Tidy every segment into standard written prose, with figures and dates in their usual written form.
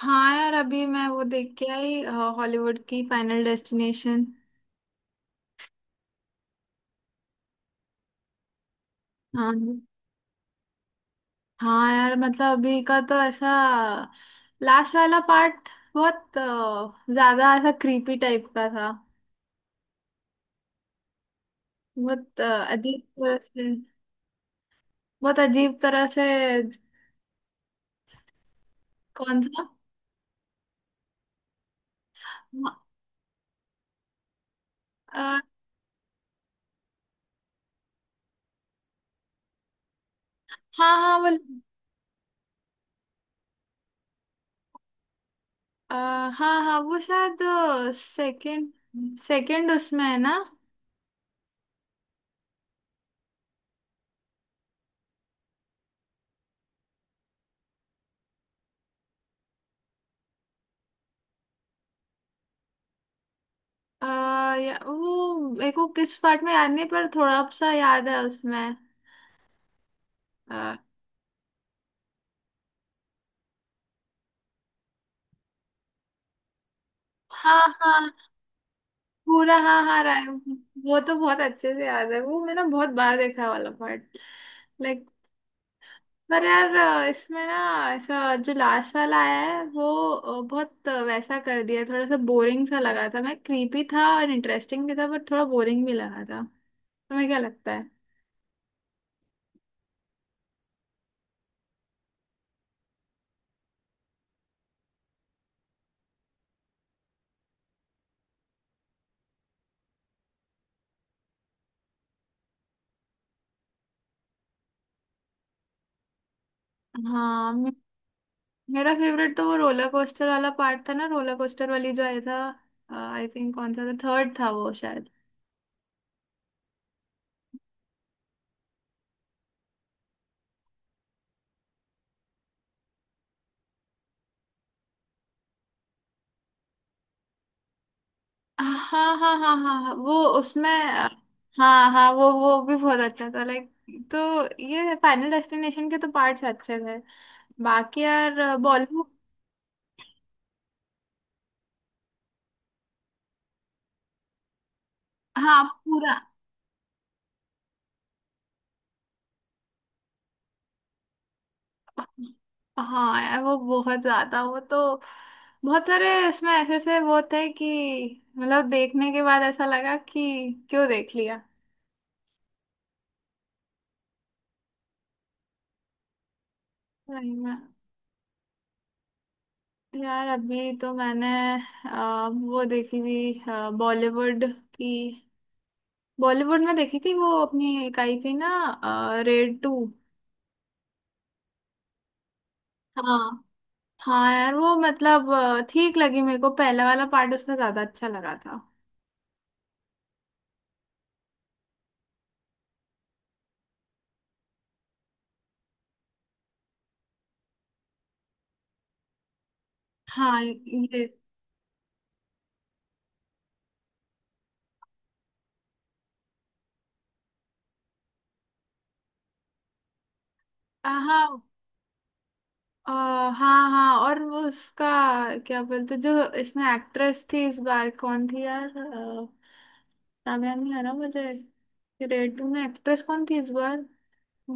हाँ यार, अभी मैं वो देख के आई हॉलीवुड की फाइनल डेस्टिनेशन। हाँ। हाँ यार, मतलब अभी का तो ऐसा लास्ट वाला पार्ट बहुत ज्यादा ऐसा क्रीपी टाइप का था। बहुत अजीब तरह से, बहुत अजीब तरह से। कौन सा? हाँ। अ, हाँ हाँ वो। अ, हाँ हाँ वो शायद सेकंड। सेकंड उसमें है ना। या, वो मेरे को किस पार्ट में याद नहीं पर थोड़ा सा याद है उसमें। हाँ। हाँ हाँ पूरा, हाँ हाँ राइट। वो तो बहुत अच्छे से याद है, वो मैंने बहुत बार देखा है वाला पार्ट। लाइक, पर यार इसमें ना ऐसा जो लास्ट वाला आया है वो बहुत वैसा कर दिया। थोड़ा सा बोरिंग सा लगा था। मैं क्रीपी था और इंटरेस्टिंग भी था, पर थोड़ा बोरिंग भी लगा था। तुम्हें क्या लगता है? हाँ मे- मेरा फेवरेट तो वो रोलर कोस्टर वाला पार्ट था ना, रोलर कोस्टर वाली जो आया था। आई थिंक कौन सा था, थर्ड था वो शायद। हाँ हाँ हाँ हाँ हाँ, वो उसमें। हाँ हाँ वो भी बहुत अच्छा था। लाइक, तो ये फाइनल डेस्टिनेशन के तो पार्ट्स अच्छे थे, बाकी यार बॉलीवुड। हाँ पूरा। हाँ यार वो बहुत ज्यादा वो तो, बहुत सारे इसमें ऐसे ऐसे वो थे कि मतलब देखने के बाद ऐसा लगा कि क्यों देख लिया। सही में। यार अभी तो मैंने वो देखी थी बॉलीवुड की, बॉलीवुड में देखी थी वो, अपनी एक आई थी ना, रेड टू। हाँ। हाँ यार वो मतलब ठीक लगी मेरे को, पहला वाला पार्ट उसका ज्यादा अच्छा लगा था। हाँ ये हाँ। हाँ हाँ, और वो उसका क्या बोलते, जो इसमें एक्ट्रेस थी इस बार कौन थी यार, नाम याद नहीं आ रहा मुझे। रेड टू में एक्ट्रेस कौन थी इस बार,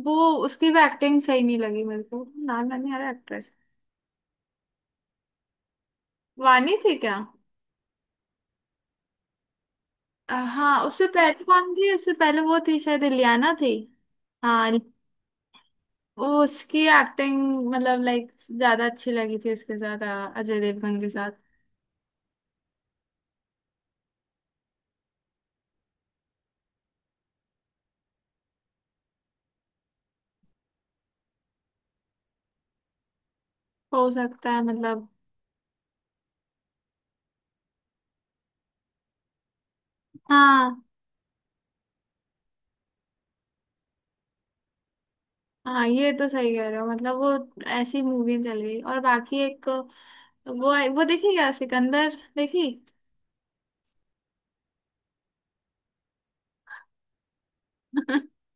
वो, उसकी भी एक्टिंग सही नहीं लगी मेरे को, नाम याद नहीं आ रहा एक्ट्रेस। वानी थी क्या? हाँ, उससे पहले कौन थी, उससे पहले वो थी शायद इलियाना थी। हाँ, वो उसकी एक्टिंग मतलब लाइक ज्यादा अच्छी लगी थी उसके साथ, अजय देवगन के साथ। हो सकता है मतलब, हाँ हाँ, ये तो सही कह रहे हो। मतलब वो ऐसी मूवी चल गई। और बाकी एक, वो देखी क्या सिकंदर देखी?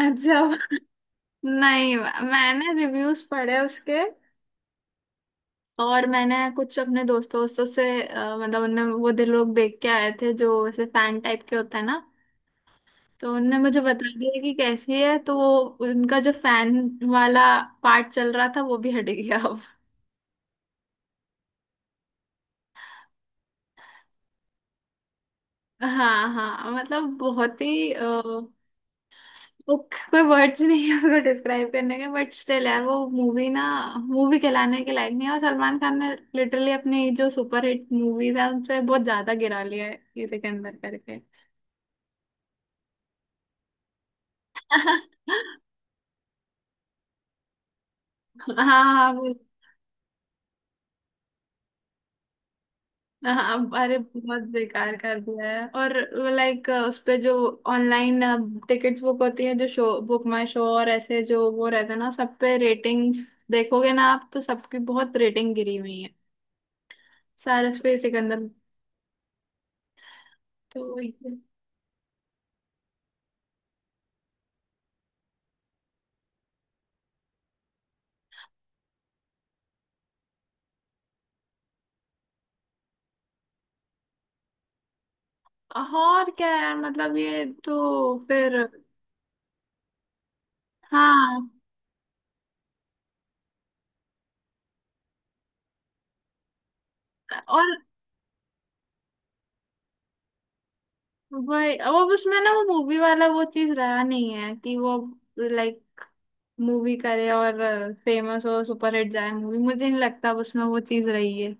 अच्छा, नहीं मैंने रिव्यूज पढ़े उसके, और मैंने कुछ अपने दोस्तों दोस्तों से मतलब उनने, वो दे लोग देख के आए थे जो ऐसे फैन टाइप के होते हैं ना, तो उनने मुझे बता दिया कि कैसी है। तो वो उनका जो फैन वाला पार्ट चल रहा था वो भी हट गया अब। हाँ हाँ मतलब बहुत ही वो, कोई वर्ड्स नहीं है उसको डिस्क्राइब करने के, बट स्टिल यार वो मूवी ना, मूवी कहलाने के लायक नहीं है। और सलमान खान ने लिटरली अपनी जो सुपरहिट मूवीज है उनसे बहुत ज्यादा गिरा लिया है ये सिकंदर करके। हाँ हाँ वो, हाँ अरे बहुत बेकार कर दिया है। और लाइक उस पे जो ऑनलाइन टिकट्स बुक होती है, जो शो बुक माई शो और ऐसे जो वो रहता है ना, सब पे रेटिंग देखोगे ना आप, तो सबकी बहुत रेटिंग गिरी हुई है सारस पे सिकंदर। तो वही है। और क्या यार, मतलब ये तो फिर, हाँ, और वही वो उसमें ना वो मूवी वाला वो चीज रहा नहीं है कि वो लाइक मूवी करे और फेमस हो, सुपरहिट जाए मूवी। मुझे नहीं लगता अब उसमें वो चीज रही है,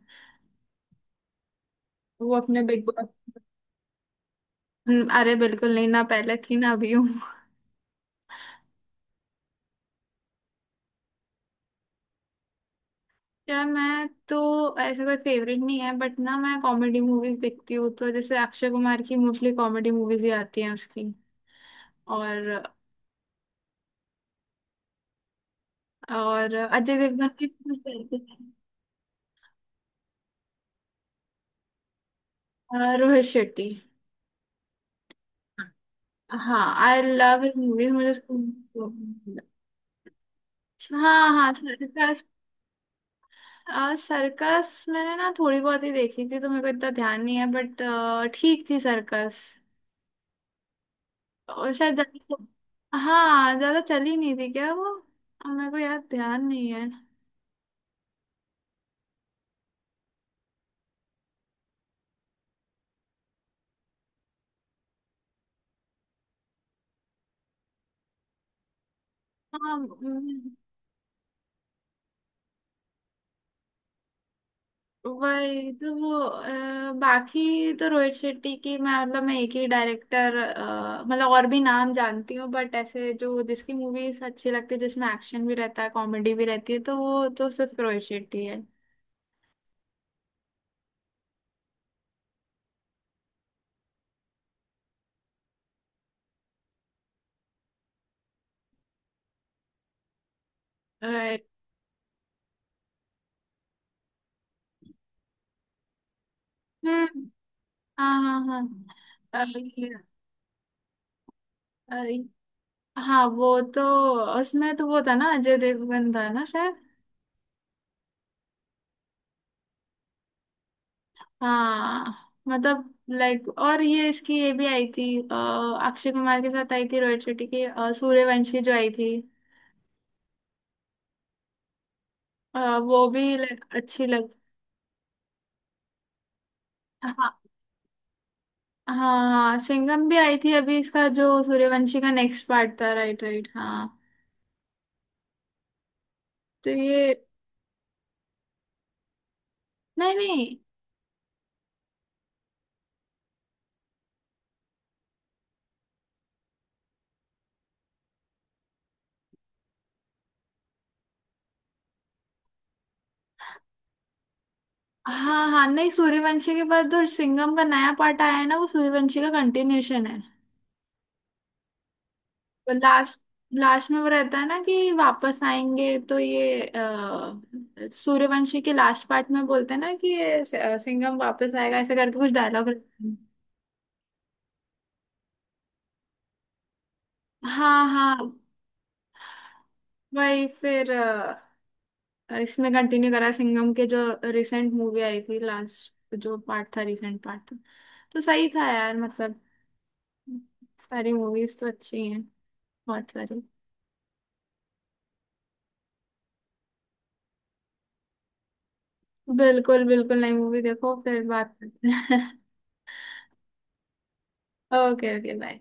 वो अपने बिग बॉस। अरे बिल्कुल नहीं ना, पहले थी ना अभी हूँ। यार मैं तो ऐसे कोई फेवरेट नहीं है, बट ना मैं कॉमेडी मूवीज देखती हूँ तो जैसे अक्षय कुमार की मोस्टली कॉमेडी मूवीज ही आती हैं उसकी, और और अजय देवगन की भी कुछ रहती हैं। रोहित शेट्टी। हाँ आई लव हिज मूवीज, मुझे उसको। हाँ हाँ हाँ, हाँ। आ, सर्कस मैंने ना थोड़ी बहुत ही देखी थी तो मेरे को इतना ध्यान नहीं है। बट ठीक थी सर्कस। और शायद ज्यादा तो, हाँ ज्यादा चली नहीं थी क्या वो, आ, मेरे को याद ध्यान नहीं है। हाँ। वही तो वो बाकी तो रोहित शेट्टी की, मैं मतलब मैं एक ही डायरेक्टर मतलब और भी नाम जानती हूँ बट ऐसे जो जिसकी मूवीज अच्छी लगती है जिसमें एक्शन भी रहता है कॉमेडी भी रहती है तो वो तो सिर्फ रोहित शेट्टी है। राइट। हाँ हाँ हाँ अ, ये- अ, हाँ वो तो, उसमें तो वो था ना अजय देवगन था ना शायद। हाँ मतलब लाइक, और ये इसकी ये भी आई थी अक्षय कुमार के साथ आई थी रोहित शेट्टी की सूर्यवंशी जो आई थी, वो भी लाइक अच्छी लग। हाँ हाँ हाँ सिंघम भी आई थी अभी, इसका जो सूर्यवंशी का नेक्स्ट पार्ट था। राइट राइट हाँ, तो ये, नहीं नहीं, हाँ हाँ, नहीं सूर्यवंशी के बाद जो सिंघम का नया पार्ट आया है ना वो सूर्यवंशी का कंटिन्यूशन है। पर लास्ट, लास्ट में वो रहता है ना कि वापस आएंगे, तो ये सूर्यवंशी के लास्ट पार्ट में बोलते हैं ना कि ये सिंघम वापस आएगा ऐसे करके कुछ डायलॉग। हाँ हाँ। वही फिर इसमें कंटिन्यू करा सिंघम के जो रिसेंट मूवी आई थी, लास्ट जो पार्ट था, रिसेंट पार्ट था। तो सही था यार, मतलब सारी मूवीज तो अच्छी हैं, बहुत सारी। बिल्कुल बिल्कुल, नई मूवी देखो फिर बात करते हैं। Okay, okay bye.